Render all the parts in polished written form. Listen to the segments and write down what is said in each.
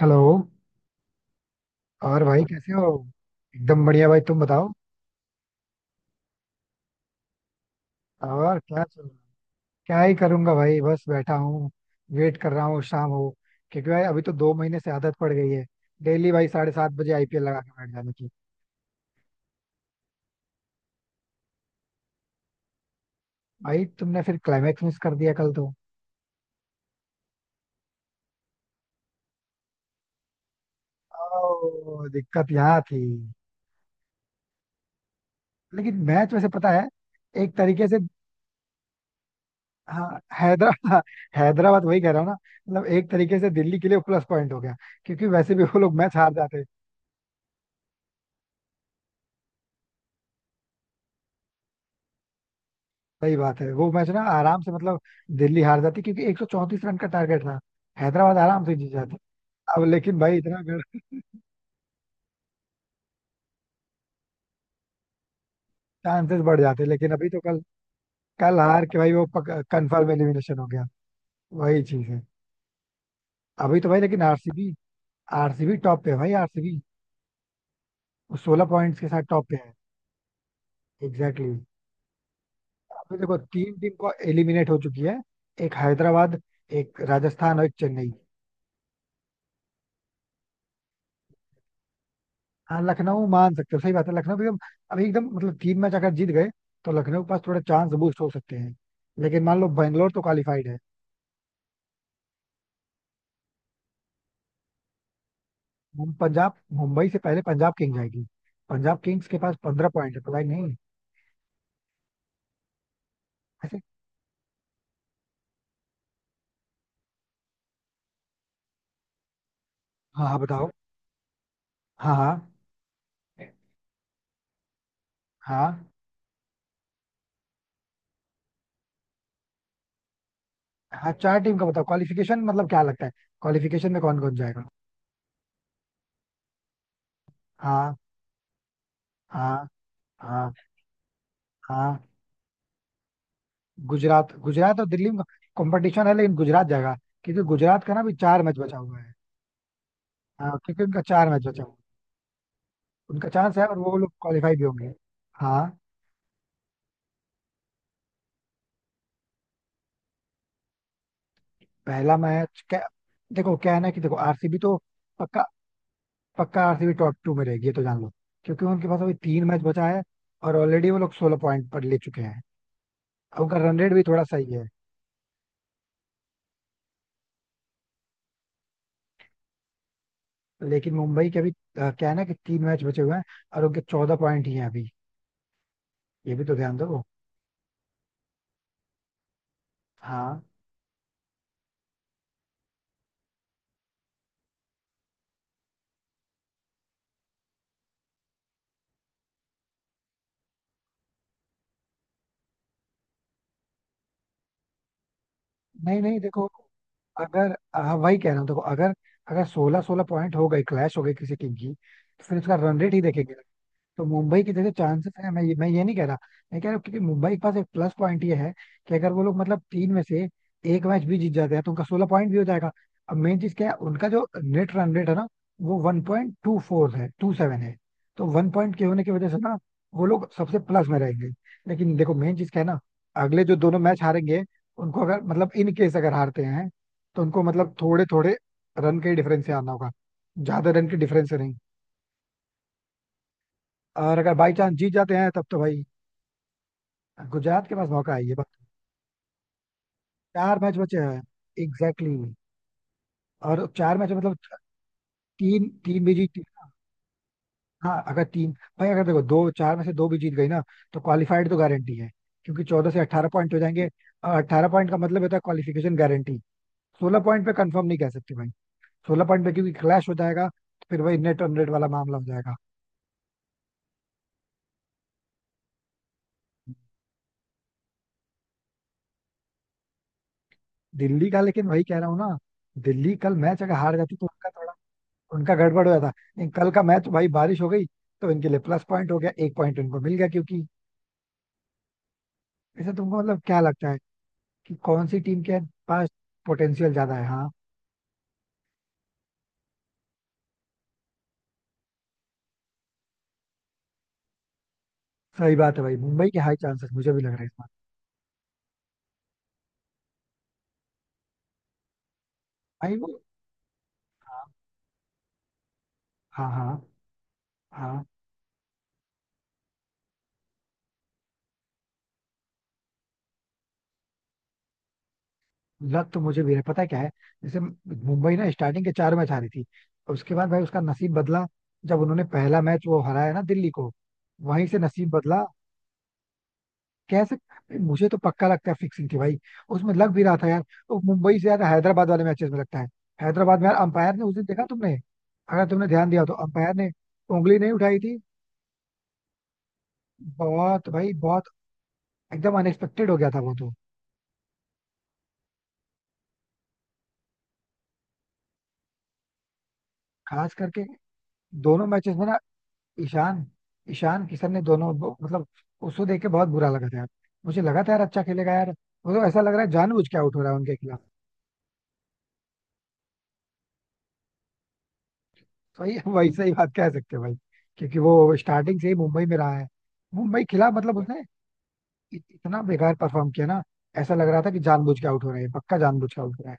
Hello. और भाई कैसे हो? एकदम बढ़िया भाई, तुम बताओ। और क्या चल रहा है? क्या ही करूंगा भाई, बस बैठा हूँ। वेट कर रहा हूँ शाम हो। क्योंकि भाई अभी तो 2 महीने से आदत पड़ गई है, डेली भाई 7:30 बजे आईपीएल लगा के बैठ जाने की। भाई तुमने फिर क्लाइमैक्स मिस कर दिया कल तो। दिक्कत यहाँ थी। लेकिन मैच वैसे पता है, एक तरीके से। हाँ, हैदराबाद वही कह रहा हूँ ना। मतलब एक तरीके से दिल्ली के लिए प्लस पॉइंट हो गया, क्योंकि वैसे भी वो लोग मैच हार जाते। सही बात है, वो मैच ना आराम से मतलब दिल्ली हार जाती क्योंकि 134 रन का टारगेट था। हैदराबाद आराम से जीत जाती। अब लेकिन भाई इतना अगर, चांसेस बढ़ जाते, लेकिन अभी तो कल, कल हार के भाई वो कंफर्म एलिमिनेशन हो गया। वही चीज है। अभी तो भाई लेकिन आरसीबी, आरसीबी टॉप पे है भाई। आरसीबी वो 16 पॉइंट्स के साथ टॉप पे है। Exactly exactly. अभी देखो तीन टीम को एलिमिनेट हो चुकी है। एक हैदराबाद, एक राजस्थान और एक चेन्नई। हाँ, लखनऊ मान सकते हो, सही बात है। लखनऊ भी अब अभी एकदम मतलब तीन मैच अगर जीत गए तो लखनऊ के पास थोड़ा चांस बूस्ट हो सकते हैं। लेकिन मान लो बेंगलोर तो क्वालिफाइड है। पंजाब, मुंबई से पहले पंजाब किंग्स जाएगी। पंजाब किंग्स के पास 15 पॉइंट है, पता ही नहीं। ऐसे। हाँ हाँ, बताओ। हाँ हाँ। हाँ हाँ, चार टीम का बताओ, क्वालिफिकेशन मतलब क्या लगता है? क्वालिफिकेशन में कौन कौन जाएगा? हाँ हाँ। हाँ हाँ। गुजरात, गुजरात और दिल्ली में कंपटीशन है, लेकिन गुजरात जाएगा, क्योंकि गुजरात का ना भी चार मैच बचा हुआ है। हाँ क्योंकि उनका चार मैच बचा हुआ है, उनका चांस है और वो लोग क्वालिफाई भी होंगे। हाँ। पहला मैच क्या? देखो क्या है ना, कि देखो आरसीबी तो पक्का। पक्का आरसीबी टॉप टू में रहेगी, ये तो जान लो। क्योंकि उनके पास अभी तीन मैच बचा है, और ऑलरेडी वो लोग 16 पॉइंट पर ले चुके हैं। अब उनका रन रेट भी थोड़ा सही है। लेकिन मुंबई के अभी क्या है ना, कि तीन मैच बचे हुए हैं, और उनके 14 पॉइंट ही हैं अभी। ये भी तो ध्यान दो। हाँ। नहीं नहीं, देखो, अगर, हाँ वही कह रहा हूँ देखो, अगर अगर 16-16 पॉइंट हो गए, क्लैश हो गई किसी टीम की, तो फिर उसका रन रेट ही देखेंगे। तो मुंबई की जगह चांसेस है, मैं ये नहीं कह रहा। मैं कह रहा हूँ क्योंकि मुंबई के पास एक प्लस पॉइंट ये है, कि अगर वो लोग मतलब तीन में से एक मैच भी जीत जाते हैं तो उनका 16 पॉइंट भी हो जाएगा। अब मेन चीज क्या है, उनका जो नेट रन रेट है ना, वो वन पॉइंट टू फोर है, टू सेवन है। तो वन पॉइंट के होने की वजह से ना, वो लोग सबसे प्लस में रहेंगे। लेकिन देखो, मेन चीज क्या है ना, अगले जो दोनों मैच हारेंगे उनको, अगर मतलब इन केस अगर हारते हैं, तो उनको मतलब थोड़े थोड़े रन के डिफरेंस से आना होगा, ज्यादा रन के डिफरेंस से नहीं। और अगर बाई चांस जीत जाते हैं तब तो भाई, गुजरात के पास मौका है, ये बात। चार मैच बचे हैं। Exactly exactly. और चार मैच मतलब तीन तीन भी जीत, हाँ अगर तीन, भाई अगर देखो दो चार में से दो भी जीत गई ना, तो क्वालिफाइड तो गारंटी है, क्योंकि 14 से 18 पॉइंट हो जाएंगे। अट्ठारह पॉइंट का मतलब होता है क्वालिफिकेशन गारंटी। सोलह पॉइंट पे कंफर्म नहीं कह सकते भाई। 16 पॉइंट पे क्योंकि क्लैश हो जाएगा, तो फिर वही नेट ऑन नेट वाला मामला हो जाएगा। दिल्ली का लेकिन वही कह रहा हूँ ना, दिल्ली कल मैच अगर हार जाती तो उनका थोड़ा, उनका गड़बड़ हो गया था। नहीं, कल का मैच भाई बारिश हो गई, तो इनके लिए प्लस पॉइंट हो गया, एक पॉइंट उनको मिल गया क्योंकि, ऐसे तुमको मतलब क्या लगता है, कि कौन सी टीम के पास पोटेंशियल ज्यादा है? हाँ। सही बात है भाई, मुंबई के हाई चांसेस मुझे भी लग रहा है इस बार। भाई वो, हाँ हाँ। हाँ हाँ। लग तो मुझे भी है, पता है क्या है, जैसे मुंबई ना स्टार्टिंग के चार मैच हारी थी, उसके बाद भाई उसका नसीब बदला। जब उन्होंने पहला मैच वो हराया ना दिल्ली को, वहीं से नसीब बदला। कैसे? मुझे तो पक्का लगता है फिक्सिंग थी भाई, उसमें लग भी रहा था यार। तो मुंबई से ज्यादा हैदराबाद वाले मैचेस में लगता है। हैदराबाद में यार अंपायर ने उस दिन देखा तुमने? अगर तुमने ध्यान दिया हो तो अंपायर ने उंगली नहीं उठाई थी। बहुत भाई बहुत। एकदम अनएक्सपेक्टेड हो गया था वो तो। खास करके दोनों मैचेस में ना, ईशान ईशान किशन ने दोनों मतलब, उसको देख के बहुत बुरा लगा था यार। मुझे लगा था यार अच्छा खेलेगा यार। मतलब ऐसा लग रहा है जानबूझ के आउट हो रहा है उनके खिलाफ। सही है भाई, सही बात कह सकते हैं भाई। क्योंकि वो स्टार्टिंग से ही मुंबई में रहा है। मुंबई खिला मतलब उसने इतना बेकार परफॉर्म किया ना, ऐसा लग रहा था कि जानबूझ के आउट हो रहा है, पक्का जानबूझ के आउट हो रहा है।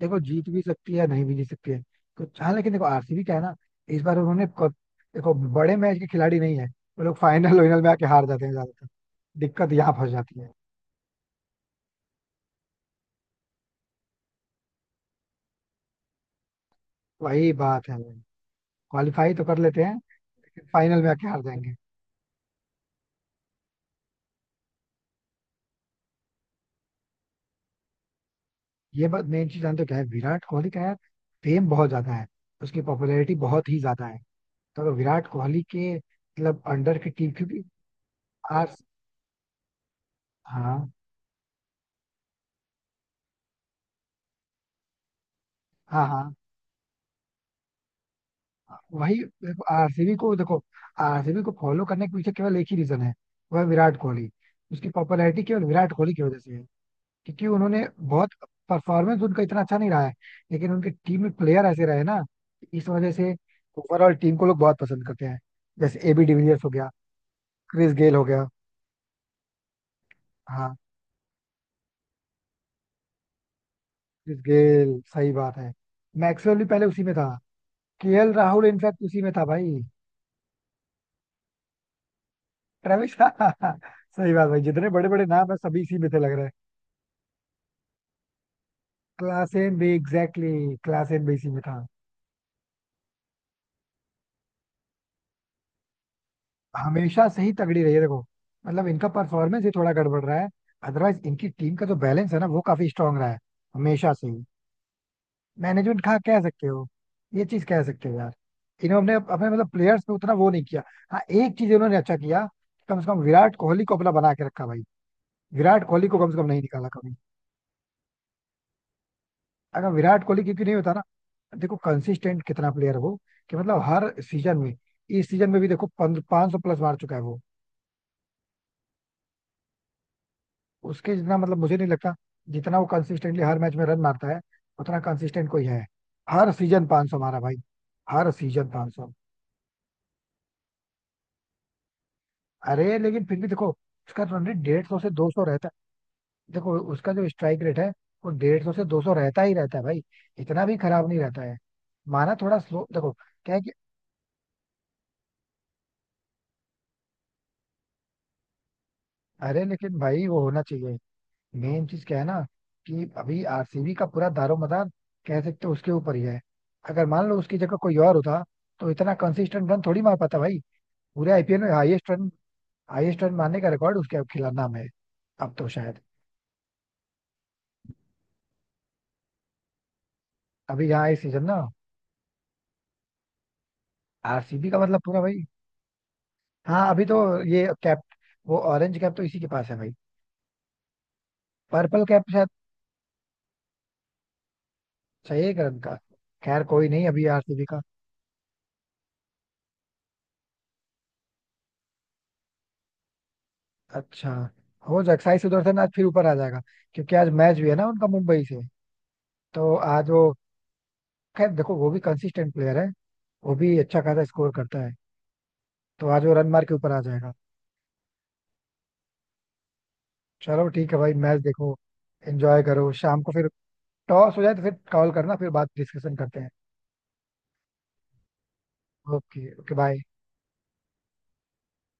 देखो जीत भी सकती है, नहीं भी जीत सकती है कुछ। हाँ लेकिन देखो आरसीबी क्या है ना, इस बार उन्होंने देखो बड़े मैच के खिलाड़ी नहीं है। वो लोग फाइनल वाइनल में आके हार जाते हैं ज्यादातर। दिक्कत यहाँ फंस जाती है। वही बात है भाई। क्वालिफाई तो कर लेते हैं, फाइनल में आके हार जाएंगे। ये बात मेन चीज जानते हो क्या है, विराट कोहली का यार फेम बहुत ज्यादा है। उसकी पॉपुलैरिटी बहुत ही ज्यादा है। तो अगर विराट कोहली के मतलब अंडर की टीम क्योंकि, आर हाँ, हाँ हाँ, वही। आरसीबी को देखो, आरसीबी को फॉलो करने के पीछे केवल एक ही रीजन है, वह है विराट कोहली। उसकी पॉपुलैरिटी केवल विराट कोहली की वजह से है। क्योंकि उन्होंने बहुत, परफॉर्मेंस उनका इतना अच्छा नहीं रहा है, लेकिन उनकी टीम में प्लेयर ऐसे रहे ना, इस वजह से ओवरऑल टीम को लोग बहुत पसंद करते हैं। जैसे एबी डिविलियर्स हो गया, क्रिस गेल हो गया। हाँ, क्रिस गेल, सही बात है। मैक्सवेल भी पहले उसी में था। केएल राहुल इनफैक्ट उसी में था भाई। ट्रेविस सही बात भाई, जितने बड़े बड़े नाम है सभी इसी में थे लग रहा है। क्लासेन भी एग्जैक्टली, क्लासेन भी इसी में था। हमेशा से ही तगड़ी रही है देखो। मतलब इनका परफॉर्मेंस ही थोड़ा गड़बड़ रहा है। अदरवाइज इनकी टीम का जो बैलेंस है ना, वो काफी स्ट्रांग रहा है, हमेशा से ही। मैनेजमेंट कहाँ कह सकते हो? ये चीज कह सकते हो यार, इन्होंने अपने अपने मतलब प्लेयर्स पे उतना वो नहीं किया। हाँ एक चीज इन्होंने अच्छा किया, कम से कम विराट कोहली को अपना बना के रखा भाई। विराट कोहली को कम से कम नहीं निकाला कभी। अगर विराट कोहली क्योंकि नहीं होता ना, देखो कंसिस्टेंट कितना प्लेयर है वो, कि मतलब हर सीजन में, इस सीजन में भी देखो 500 प्लस मार चुका है वो। उसके जितना मतलब मुझे नहीं लगता, जितना वो कंसिस्टेंटली हर मैच में रन मारता है उतना कंसिस्टेंट कोई है। हर सीजन 500 मारा भाई, हर सीजन 500। अरे लेकिन फिर भी देखो, उसका रन रेट 150 से 200 रहता है। देखो उसका जो स्ट्राइक रेट है, वो 150 से 200 रहता ही रहता है भाई। इतना भी खराब नहीं रहता है। माना थोड़ा स्लो देखो, क्या है कि, अरे लेकिन भाई वो होना चाहिए। मेन चीज क्या है ना, कि अभी आरसीबी का पूरा दारोमदार कह सकते हो उसके ऊपर ही है। अगर मान लो उसकी जगह कोई और होता, तो इतना कंसिस्टेंट रन थोड़ी मार पाता भाई। पूरे आईपीएल में हाईएस्ट रन, हाईएस्ट रन मारने का रिकॉर्ड उसके खिलाफ नाम है अब तो शायद। अभी यहाँ इस सीजन ना आरसीबी का मतलब पूरा भाई, हाँ अभी तो ये कैप, वो ऑरेंज कैप तो इसी के पास है भाई। पर्पल कैप शायद चाहिए करण का। खैर कोई नहीं, अभी आरसीबी का, अच्छा, हो जाएगा साई सुदर्शन आज फिर ऊपर आ जाएगा, क्योंकि आज मैच भी है ना उनका मुंबई से। तो आज वो, खैर देखो वो भी कंसिस्टेंट प्लेयर है, वो भी अच्छा खासा स्कोर करता है। तो आज वो रन मार के ऊपर आ जाएगा। चलो ठीक है भाई, मैच देखो। एंजॉय करो शाम को फिर। टॉस हो जाए तो फिर कॉल करना, फिर बात, डिस्कशन करते हैं। Okay, okay bye.